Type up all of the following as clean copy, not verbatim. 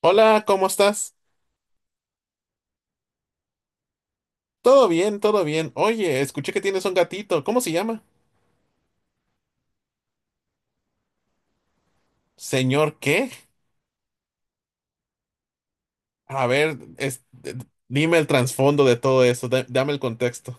Hola, ¿cómo estás? Todo bien, todo bien. Oye, escuché que tienes un gatito. ¿Cómo se llama? Señor, ¿qué? A ver, dime el trasfondo de todo eso. Dame el contexto.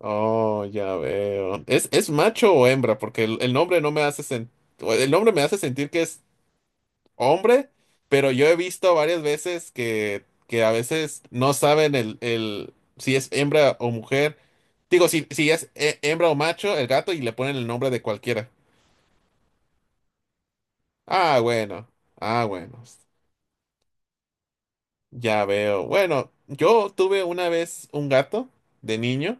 Oh, ya veo. ¿Es macho o hembra? Porque el nombre no me hace o el nombre me hace sentir que es hombre, pero yo he visto varias veces que a veces no saben el si es hembra o mujer. Digo, si es hembra o macho, el gato, y le ponen el nombre de cualquiera. Ah, bueno. Ah, bueno. Ya veo. Bueno, yo tuve una vez un gato de niño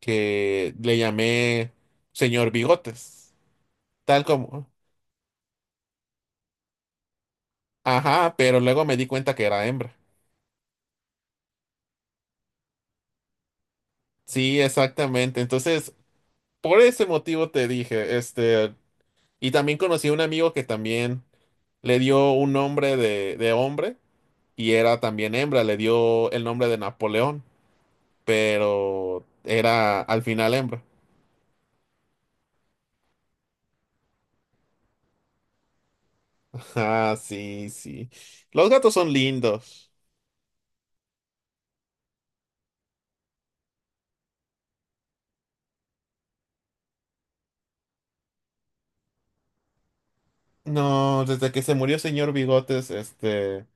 que le llamé Señor Bigotes. Tal como. Ajá, pero luego me di cuenta que era hembra. Sí, exactamente. Entonces, por ese motivo te dije, este, y también conocí a un amigo que también le dio un nombre de hombre y era también hembra, le dio el nombre de Napoleón, pero era al final hembra. Ah, sí, sí. Los gatos son lindos. No, desde que se murió Señor Bigotes, este,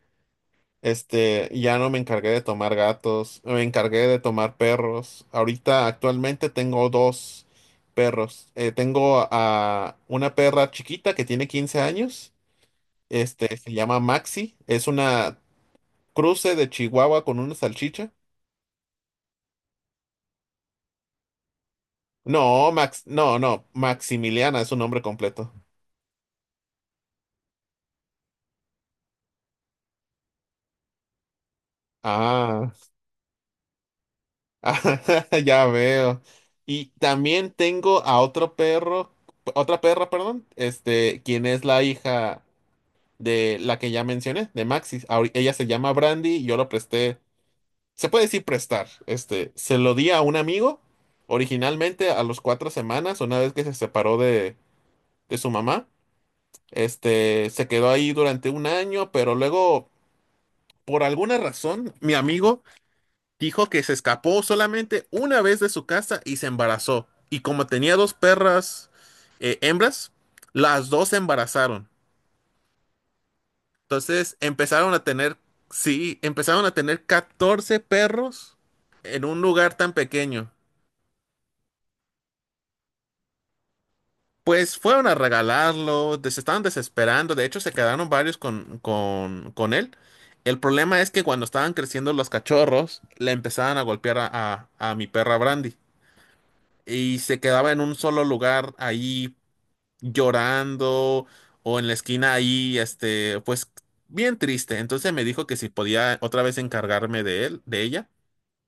este, ya no me encargué de tomar gatos, me encargué de tomar perros. Ahorita, actualmente tengo dos perros. Tengo a una perra chiquita que tiene 15 años, este, se llama Maxi, es una cruce de Chihuahua con una salchicha. No, no, no, Maximiliana es su nombre completo. Ah. Ah, ya veo. Y también tengo a otro perro, otra perra, perdón, este, quien es la hija de la que ya mencioné, de Maxis. Ella se llama Brandy, y yo lo presté, se puede decir prestar, este, se lo di a un amigo, originalmente a los 4 semanas, una vez que se separó de su mamá, este, se quedó ahí durante un año, pero luego, por alguna razón, mi amigo dijo que se escapó solamente una vez de su casa y se embarazó. Y como tenía dos perras hembras, las dos se embarazaron. Entonces empezaron a tener, sí, empezaron a tener 14 perros en un lugar tan pequeño. Pues fueron a regalarlo, se estaban desesperando, de hecho se quedaron varios con él. El problema es que cuando estaban creciendo los cachorros, le empezaban a golpear a mi perra Brandy. Y se quedaba en un solo lugar ahí llorando o en la esquina ahí, este, pues bien triste. Entonces me dijo que si podía otra vez encargarme de él, de ella,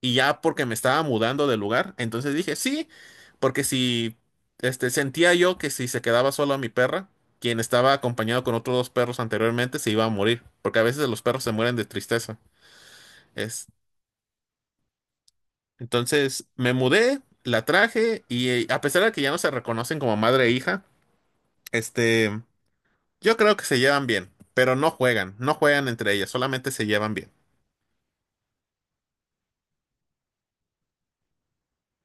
y ya porque me estaba mudando de lugar, entonces dije sí, porque si, este, sentía yo que si se quedaba sola mi perra, quien estaba acompañado con otros dos perros anteriormente, se iba a morir, porque a veces los perros se mueren de tristeza. Es, entonces me mudé, la traje y a pesar de que ya no se reconocen como madre e hija, este yo creo que se llevan bien, pero no juegan entre ellas, solamente se llevan bien.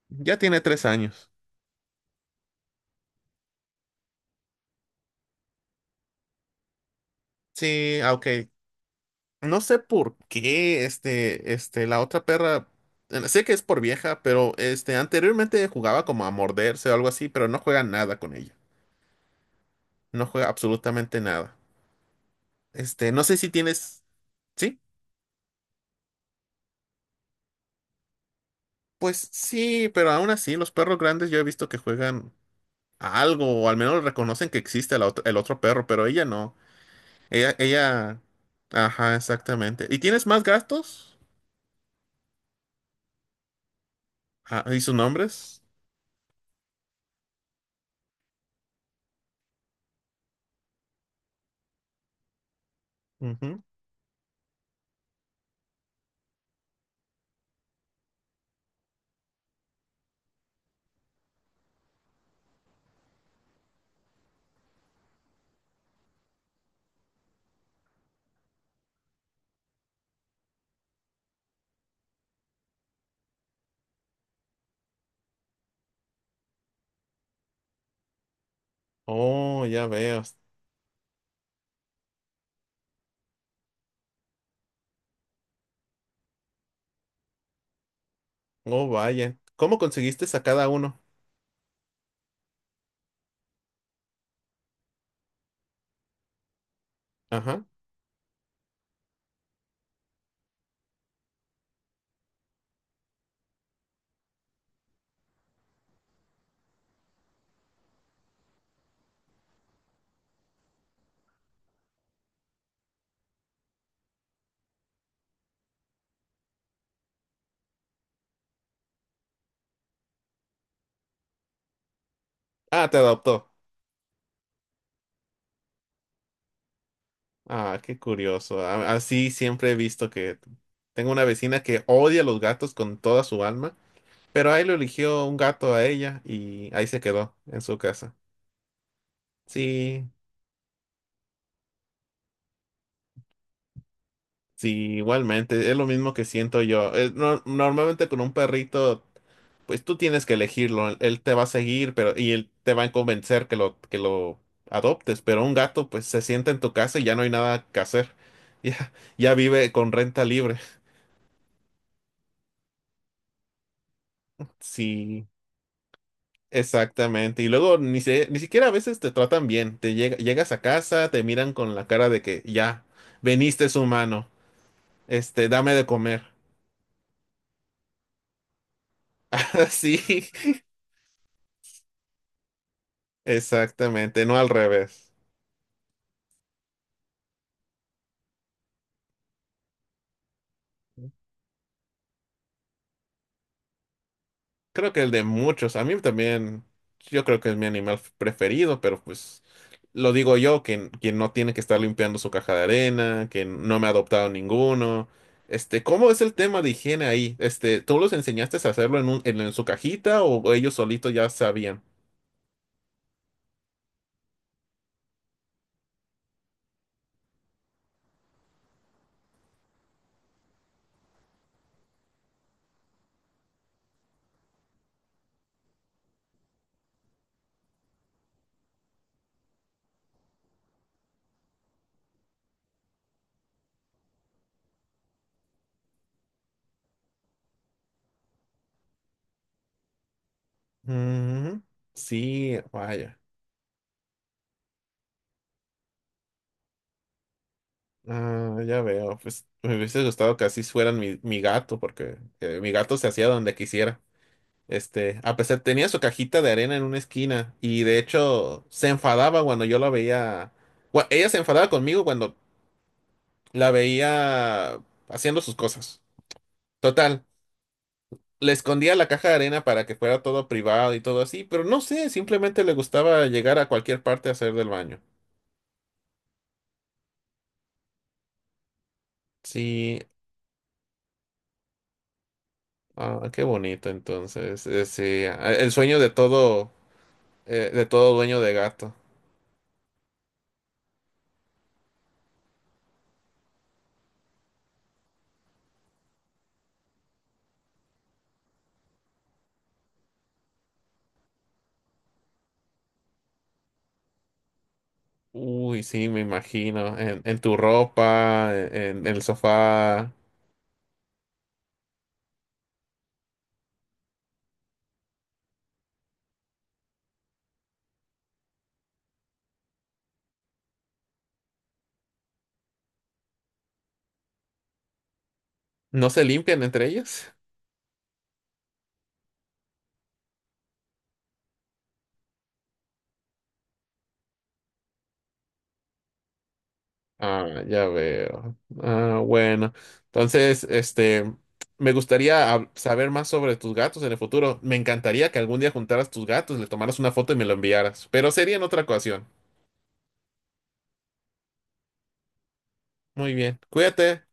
Ya tiene 3 años. Sí, ah, ok. No sé por qué, este, la otra perra, sé que es por vieja, pero este, anteriormente jugaba como a morderse o algo así, pero no juega nada con ella. No juega absolutamente nada. Este, no sé si tienes, ¿sí? Pues sí, pero aún así, los perros grandes yo he visto que juegan a algo, o al menos reconocen que existe la el otro perro, pero ella no. Ella, ajá, exactamente. ¿Y tienes más gastos? Ah, ¿y sus nombres? Ujú. Oh, ya veo. Oh, vaya. ¿Cómo conseguiste a cada uno? Ajá. Ah, te adoptó. Ah, qué curioso. Así siempre he visto que tengo una vecina que odia los gatos con toda su alma, pero ahí lo eligió un gato a ella y ahí se quedó en su casa. Sí, sí, igualmente. Es lo mismo que siento yo. Es normalmente con un perrito. Pues tú tienes que elegirlo. Él te va a seguir, pero y él te va a convencer que lo adoptes, pero un gato pues se sienta en tu casa y ya no hay nada que hacer. Ya ya vive con renta libre. Sí, exactamente. Y luego ni ni siquiera a veces te tratan bien. Te llegas a casa, te miran con la cara de que ya veniste es humano. Este, dame de comer. Sí, exactamente, no al revés. Creo que el de muchos. A mí también, yo creo que es mi animal preferido, pero pues lo digo yo, que, quien no tiene que estar limpiando su caja de arena, que no me ha adoptado ninguno. Este, ¿cómo es el tema de higiene ahí? Este, ¿tú los enseñaste a hacerlo en en su cajita o ellos solitos ya sabían? Mm, sí, vaya. Ah, ya veo. Pues me hubiese gustado que así fueran mi gato, porque mi gato se hacía donde quisiera. Este, a pesar, tenía su cajita de arena en una esquina y de hecho se enfadaba cuando yo la veía. Ella se enfadaba conmigo cuando la veía haciendo sus cosas. Total, le escondía la caja de arena para que fuera todo privado y todo así, pero no sé, simplemente le gustaba llegar a cualquier parte a hacer del baño. Sí, ah, qué bonito entonces. Sí, ah, el sueño de todo dueño de gato. Uy, sí, me imagino. En tu ropa, en el sofá. ¿No se limpian entre ellos? Ah, ya veo. Ah, bueno. Entonces, este, me gustaría saber más sobre tus gatos en el futuro. Me encantaría que algún día juntaras tus gatos, le tomaras una foto y me lo enviaras, pero sería en otra ocasión. Muy bien. Cuídate.